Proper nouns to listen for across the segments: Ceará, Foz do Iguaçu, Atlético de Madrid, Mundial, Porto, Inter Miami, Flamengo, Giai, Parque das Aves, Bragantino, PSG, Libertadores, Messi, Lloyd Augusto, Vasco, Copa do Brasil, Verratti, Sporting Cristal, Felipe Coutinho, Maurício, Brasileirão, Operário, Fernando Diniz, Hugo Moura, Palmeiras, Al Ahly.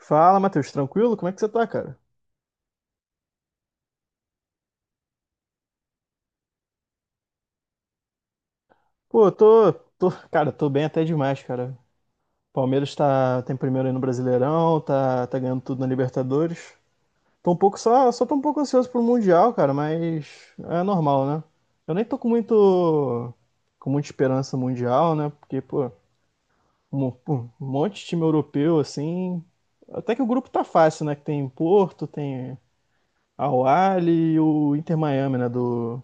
Fala, Matheus, tranquilo? Como é que você tá, cara? Pô, eu tô, cara, tô bem até demais, cara. Palmeiras tem primeiro aí no Brasileirão, tá ganhando tudo na Libertadores. Tô um pouco só tô um pouco ansioso pro Mundial, cara, mas é normal, né? Eu nem tô com muita esperança no mundial, né? Porque, pô, pô, um monte de time europeu, assim. Até que o grupo tá fácil, né? Que tem Porto, tem Al Ahly e o Inter Miami, né? Do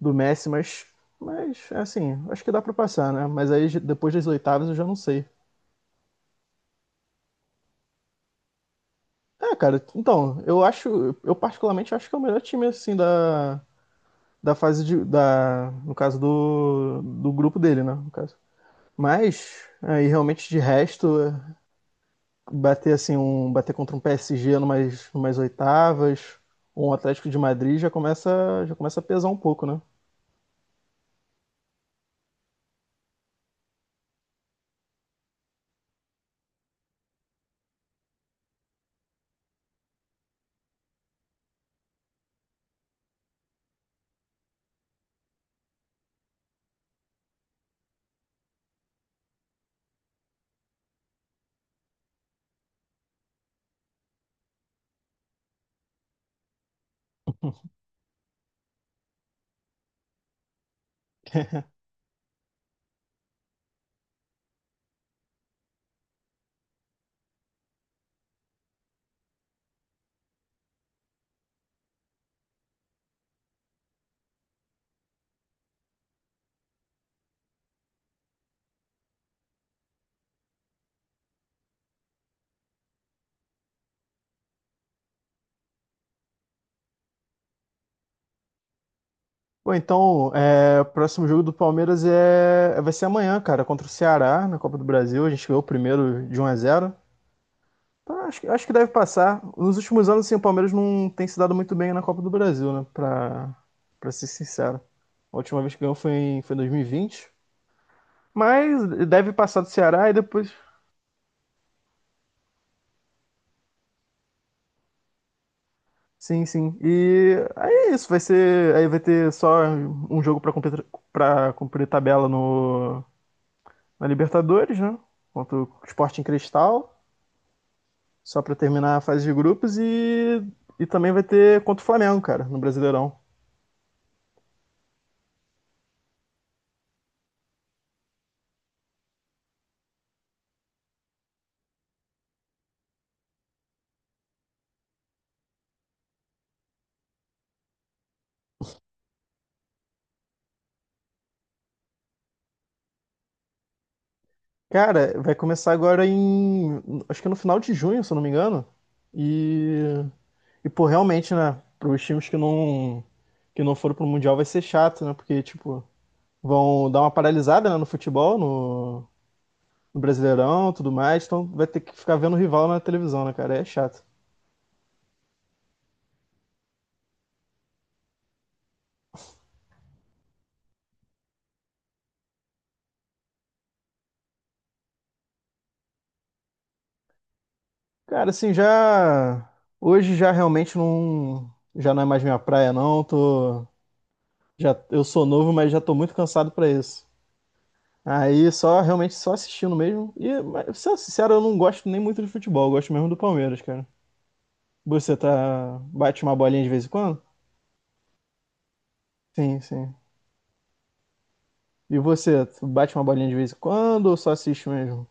do Messi, mas assim, acho que dá para passar, né? Mas aí depois das oitavas eu já não sei. É, cara, então, eu particularmente acho que é o melhor time, assim, da fase no caso do grupo dele, né, no caso. Mas aí realmente de resto, bater assim, bater contra um PSG numas oitavas, ou um Atlético de Madrid já começa a pesar um pouco, né? Bom, então, é, o próximo jogo do Palmeiras vai ser amanhã, cara, contra o Ceará na Copa do Brasil. A gente ganhou o primeiro de 1-0. Então, acho que deve passar. Nos últimos anos, sim, o Palmeiras não tem se dado muito bem na Copa do Brasil, né? Pra ser sincero. A última vez que ganhou foi foi em 2020. Mas deve passar do Ceará e depois. Sim, sim. E aí é isso, vai ser. Aí vai ter só um jogo pra cumprir tabela no, na Libertadores, né? Contra o Sporting Cristal. Só pra terminar a fase de grupos e também vai ter contra o Flamengo, cara, no Brasileirão. Cara, vai começar agora em. Acho que é no final de junho, se eu não me engano. E. E, pô, realmente, né? Para os times que não foram pro Mundial vai ser chato, né? Porque, tipo, vão dar uma paralisada, né, no futebol, no Brasileirão, tudo mais. Então vai ter que ficar vendo o rival na televisão, né, cara? É chato. Cara, assim, já. Hoje já realmente não. Já não é mais minha praia, não. Já, eu sou novo, mas já tô muito cansado pra isso. Aí só realmente só assistindo mesmo. E, mas, sendo sincero, eu não gosto nem muito de futebol, eu gosto mesmo do Palmeiras, cara. Você tá bate uma bolinha de vez em quando? Sim, sim. E você, tu bate uma bolinha de vez em quando ou só assiste mesmo?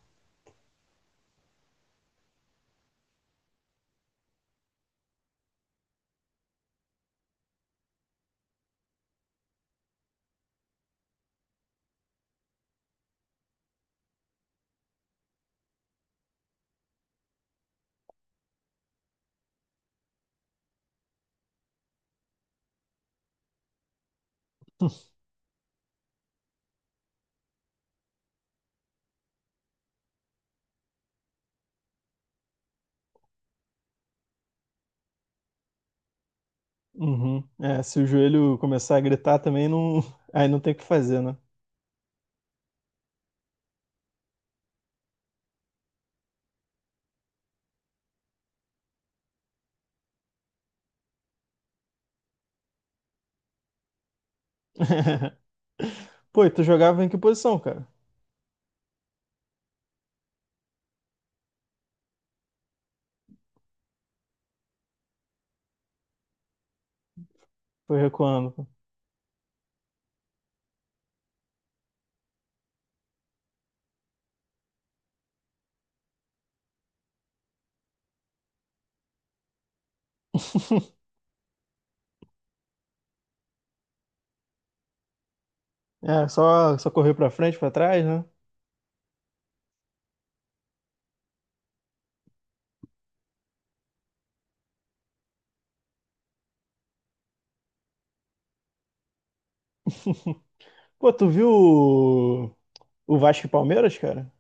Uhum. É, se o joelho começar a gritar também não, aí não tem o que fazer, né? Pô, e tu jogava em que posição, cara? Foi recuando, pô. É, só correr pra frente, pra trás, né? Pô, tu viu o Vasco e Palmeiras, cara?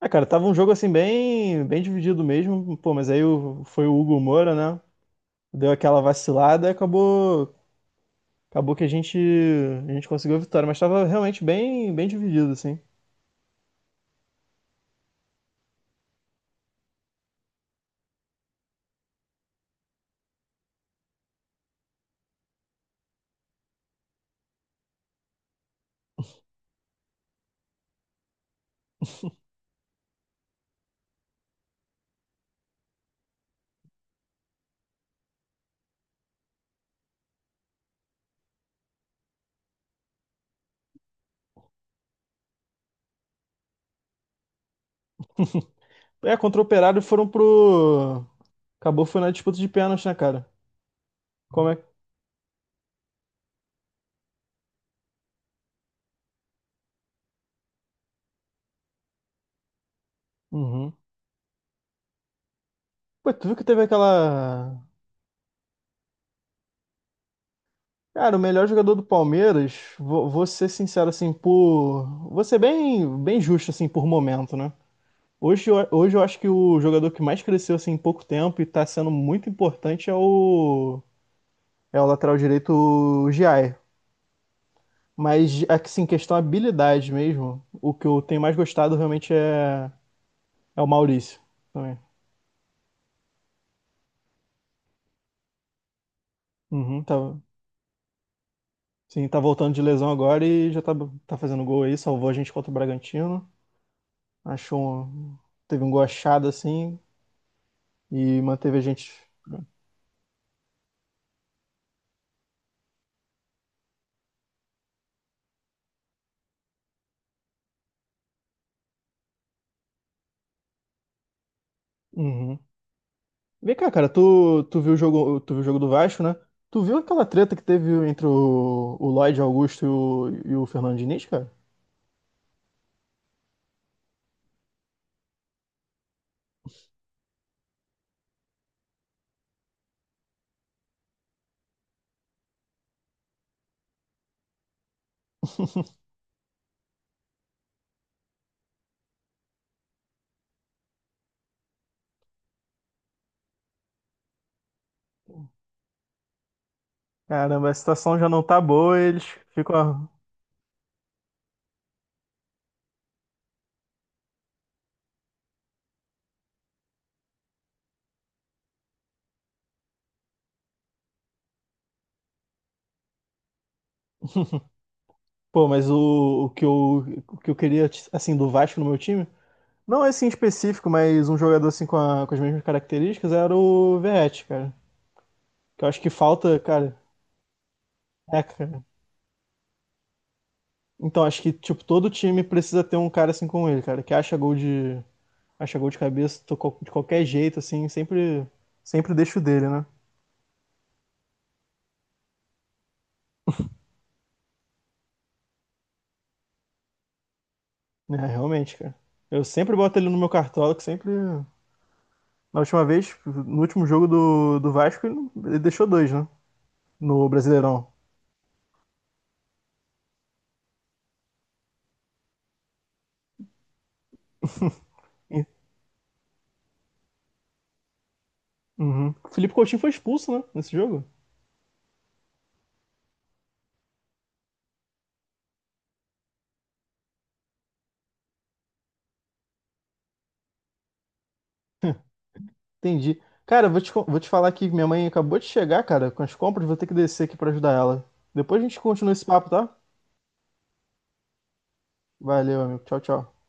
Ah, cara, tava um jogo assim bem, bem dividido mesmo, pô, mas aí foi o Hugo Moura, né? Deu aquela vacilada e acabou que a gente conseguiu a vitória, mas tava realmente bem, bem dividido assim. É, contra o Operário foram pro acabou foi na disputa de pênalti, né, cara? Como é? Uhum. Pô, tu viu que teve aquela. Cara, o melhor jogador do Palmeiras, vou ser sincero assim, por vou ser bem, bem justo assim por momento, né? Hoje eu acho que o jogador que mais cresceu assim, em pouco tempo e está sendo muito importante é é o lateral direito o Giai. Mas assim, questão habilidade mesmo, o que eu tenho mais gostado realmente é o Maurício também. Uhum, tá, sim, tá voltando de lesão agora e tá fazendo gol aí, salvou a gente contra o Bragantino. Achou um- teve um gol achado assim e manteve a gente. Uhum. Vem cá, cara, tu viu o jogo, tu viu o jogo do Vasco, né? Tu viu aquela treta que teve entre o Lloyd Augusto e o Fernando Diniz, cara? Caramba, a situação já não tá boa, eles ficam. Pô, mas o que eu queria, assim, do Vasco no meu time, não esse em específico, mas um jogador assim com as mesmas características era o Verratti, cara. Que eu acho que falta, cara. É, cara. Então, acho que, tipo, todo time precisa ter um cara assim como ele, cara, que acha gol de cabeça tocou de qualquer jeito, assim, sempre deixo dele, né? É, realmente, cara. Eu sempre boto ele no meu cartola, que sempre. Na última vez, no último jogo do Vasco, ele deixou dois, né? No Brasileirão. Uhum. O Felipe Coutinho foi expulso, né? Nesse jogo. Entendi. Cara, vou te falar que minha mãe acabou de chegar, cara, com as compras, vou ter que descer aqui pra ajudar ela. Depois a gente continua esse papo, tá? Valeu, amigo. Tchau, tchau.